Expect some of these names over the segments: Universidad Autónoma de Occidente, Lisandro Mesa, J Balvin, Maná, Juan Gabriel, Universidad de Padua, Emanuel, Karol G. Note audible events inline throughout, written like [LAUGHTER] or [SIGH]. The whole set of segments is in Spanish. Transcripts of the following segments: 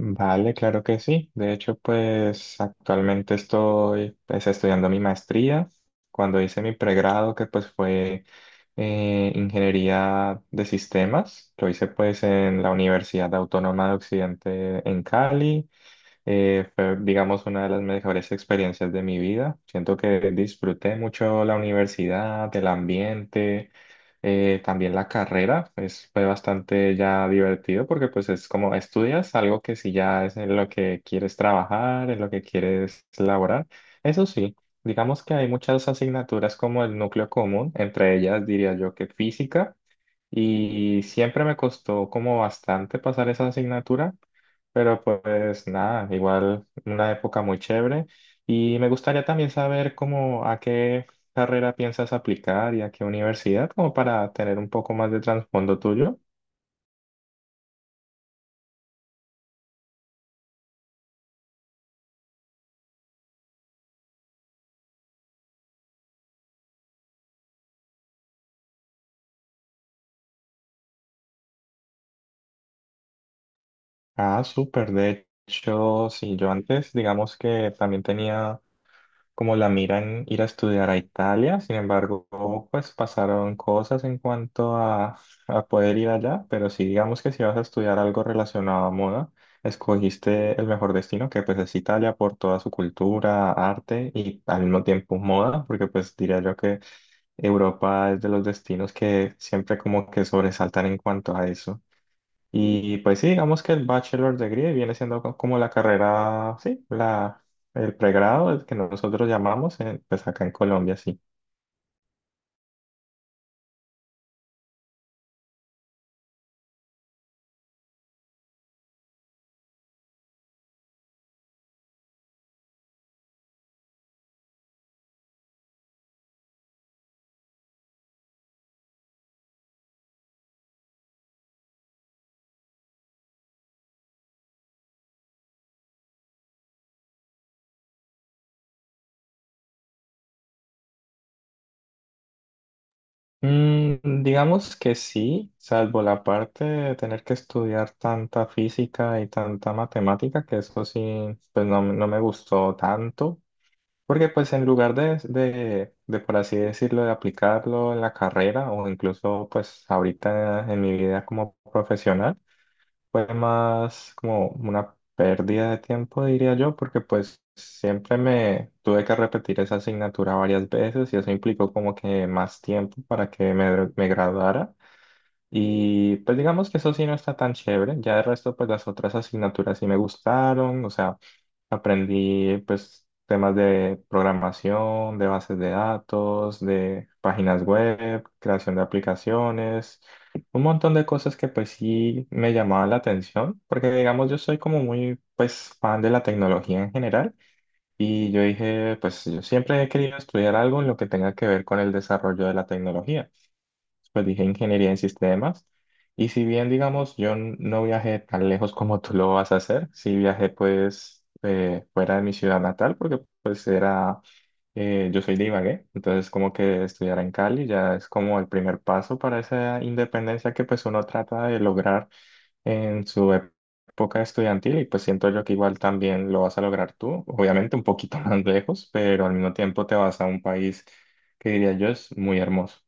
Vale, claro que sí. De hecho, pues actualmente estoy pues, estudiando mi maestría. Cuando hice mi pregrado, que pues fue ingeniería de sistemas, lo hice pues en la Universidad Autónoma de Occidente en Cali. Fue, digamos, una de las mejores experiencias de mi vida. Siento que disfruté mucho la universidad, el ambiente. También la carrera, pues fue bastante ya divertido porque pues es como estudias algo que si ya es en lo que quieres trabajar, en lo que quieres laborar. Eso sí, digamos que hay muchas asignaturas como el núcleo común, entre ellas diría yo que física, y siempre me costó como bastante pasar esa asignatura, pero pues nada, igual una época muy chévere. Y me gustaría también saber cómo a qué carrera piensas aplicar y a qué universidad, como para tener un poco más de trasfondo tuyo. Ah, súper. De hecho, sí, yo antes, digamos que también tenía como la miran ir a estudiar a Italia, sin embargo, pues pasaron cosas en cuanto a poder ir allá, pero sí digamos que si vas a estudiar algo relacionado a moda, escogiste el mejor destino, que pues es Italia por toda su cultura, arte y al mismo tiempo moda, porque pues diría yo que Europa es de los destinos que siempre como que sobresaltan en cuanto a eso. Y pues sí, digamos que el Bachelor Degree viene siendo como la carrera, sí, la, el pregrado, el que nosotros llamamos, pues acá en Colombia, sí. Digamos que sí, salvo la parte de tener que estudiar tanta física y tanta matemática, que eso sí, pues no, no me gustó tanto, porque pues en lugar de, por así decirlo, de aplicarlo en la carrera o incluso pues ahorita en mi vida como profesional, fue más como una pérdida de tiempo, diría yo, porque pues siempre me tuve que repetir esa asignatura varias veces y eso implicó como que más tiempo para que me graduara. Y pues digamos que eso sí no está tan chévere, ya de resto pues las otras asignaturas sí me gustaron, o sea. Aprendí pues temas de programación, de bases de datos, de páginas web, creación de aplicaciones, un montón de cosas que pues sí me llamaban la atención, porque digamos yo soy como muy pues fan de la tecnología en general y yo dije pues yo siempre he querido estudiar algo en lo que tenga que ver con el desarrollo de la tecnología, pues dije ingeniería en sistemas. Y si bien, digamos, no viajé tan lejos como tú lo vas a hacer, sí viajé pues fuera de mi ciudad natal, porque pues era, yo soy de Ibagué, entonces como que estudiar en Cali ya es como el primer paso para esa independencia que pues uno trata de lograr en su época estudiantil y pues siento yo que igual también lo vas a lograr tú, obviamente un poquito [LAUGHS] más lejos, pero al mismo tiempo te vas a un país que diría yo es muy hermoso.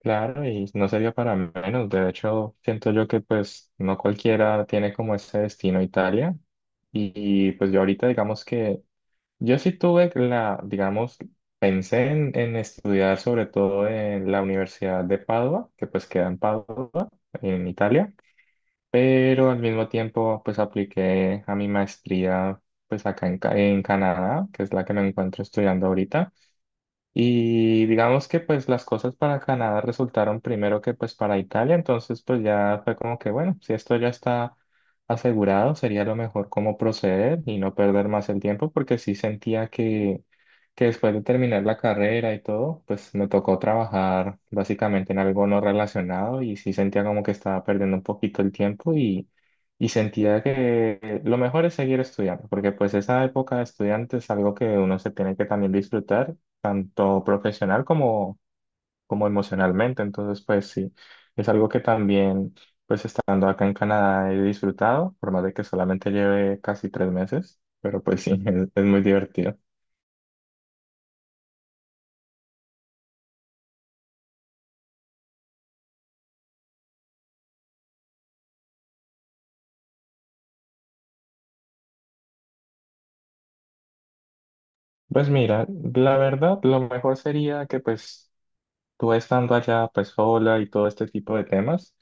Claro, y no sería para menos. De hecho, siento yo que pues no cualquiera tiene como ese destino Italia. Y, y, pues yo ahorita digamos que yo sí tuve la, digamos, pensé en estudiar sobre todo en la Universidad de Padua, que pues queda en Padua, en Italia. Pero al mismo tiempo pues apliqué a mi maestría pues acá en, en Canadá, que es la que me encuentro estudiando ahorita. Y digamos que pues las cosas para Canadá resultaron primero que pues para Italia, entonces pues ya fue como que bueno, si esto ya está asegurado, sería lo mejor cómo proceder y no perder más el tiempo, porque sí sentía que después de terminar la carrera y todo, pues me tocó trabajar básicamente en algo no relacionado y sí sentía como que estaba perdiendo un poquito el tiempo y sentía que lo mejor es seguir estudiando, porque pues esa época de estudiante es algo que uno se tiene que también disfrutar tanto profesional como, como emocionalmente. Entonces, pues sí, es algo que también estando acá en Canadá he disfrutado, por más de que solamente lleve casi 3 meses, pero pues sí, [LAUGHS] es muy divertido. Pues mira, la verdad, lo mejor sería que pues tú estando allá pues sola y todo este tipo de temas,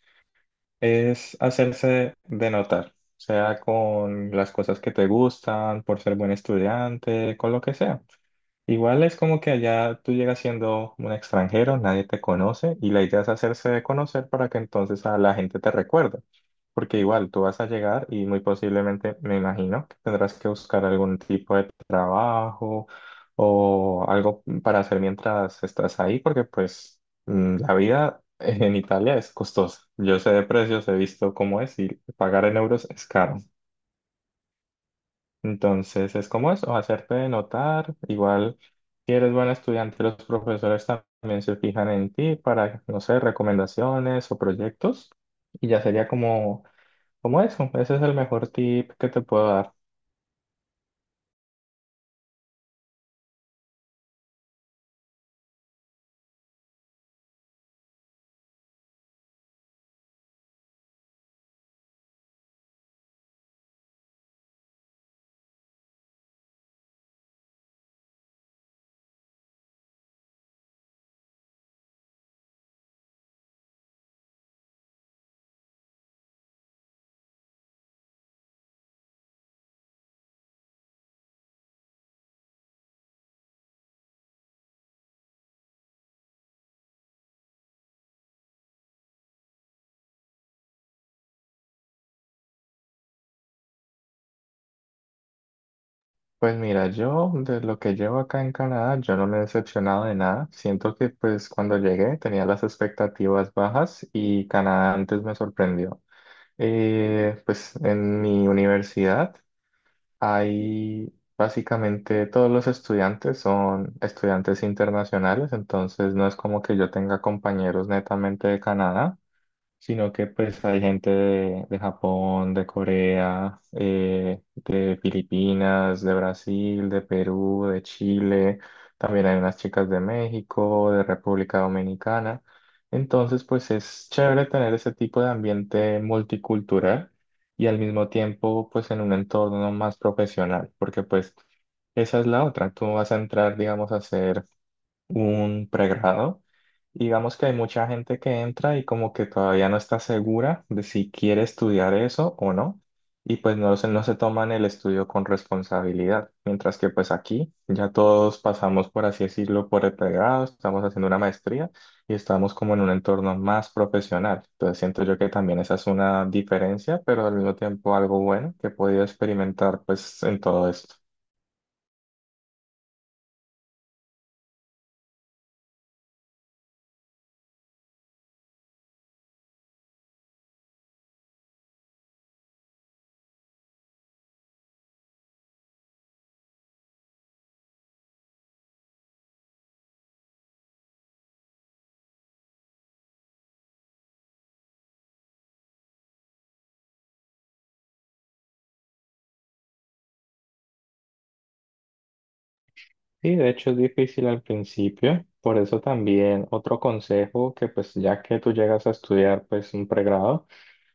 es hacerse de notar, sea con las cosas que te gustan, por ser buen estudiante, con lo que sea. Igual es como que allá tú llegas siendo un extranjero, nadie te conoce y la idea es hacerse de conocer para que entonces a la gente te recuerde. Porque igual tú vas a llegar y muy posiblemente, me imagino, que tendrás que buscar algún tipo de trabajo o algo para hacer mientras estás ahí, porque pues la vida en Italia es costosa. Yo sé de precios, he visto cómo es y pagar en euros es caro. Entonces es como eso, hacerte notar. Igual, si eres buen estudiante, los profesores también se fijan en ti para, no sé, recomendaciones o proyectos. Y ya sería como, como eso. Ese es el mejor tip que te puedo dar. Pues mira, yo de lo que llevo acá en Canadá, yo no me he decepcionado de nada. Siento que pues cuando llegué tenía las expectativas bajas y Canadá antes me sorprendió. Pues en mi universidad. Hay básicamente todos los estudiantes son estudiantes internacionales, entonces no es como que yo tenga compañeros netamente de Canadá, sino que pues hay gente de Japón, de Corea, de Filipinas, de Brasil, de Perú, de Chile, también hay unas chicas de México, de República Dominicana. Entonces, pues es chévere tener ese tipo de ambiente multicultural y al mismo tiempo pues en un entorno más profesional, porque pues esa es la otra, tú vas a entrar, digamos, a hacer un pregrado. Digamos que hay mucha gente que entra y como que todavía no está segura de si quiere estudiar eso o no, y pues no se toman el estudio con responsabilidad, mientras que pues aquí ya todos pasamos, por así decirlo, por el pregrado, estamos haciendo una maestría y estamos como en un entorno más profesional. Entonces siento yo que también esa es una diferencia, pero al mismo tiempo algo bueno que he podido experimentar pues en todo esto. Sí, de hecho es difícil al principio, por eso también otro consejo que pues ya que tú llegas a estudiar pues un pregrado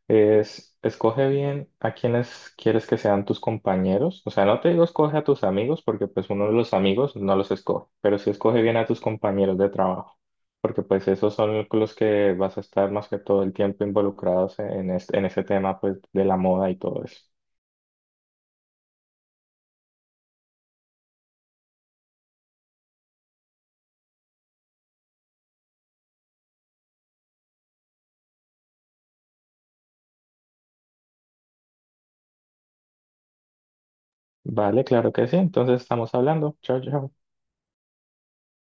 es escoge bien a quienes quieres que sean tus compañeros, o sea, no te digo escoge a tus amigos porque pues uno de los amigos no los escoge, pero sí escoge bien a tus compañeros de trabajo, porque pues esos son los que vas a estar más que todo el tiempo involucrados en este, en ese tema pues de la moda y todo eso. Vale, claro que sí, entonces estamos hablando. Chao, chao.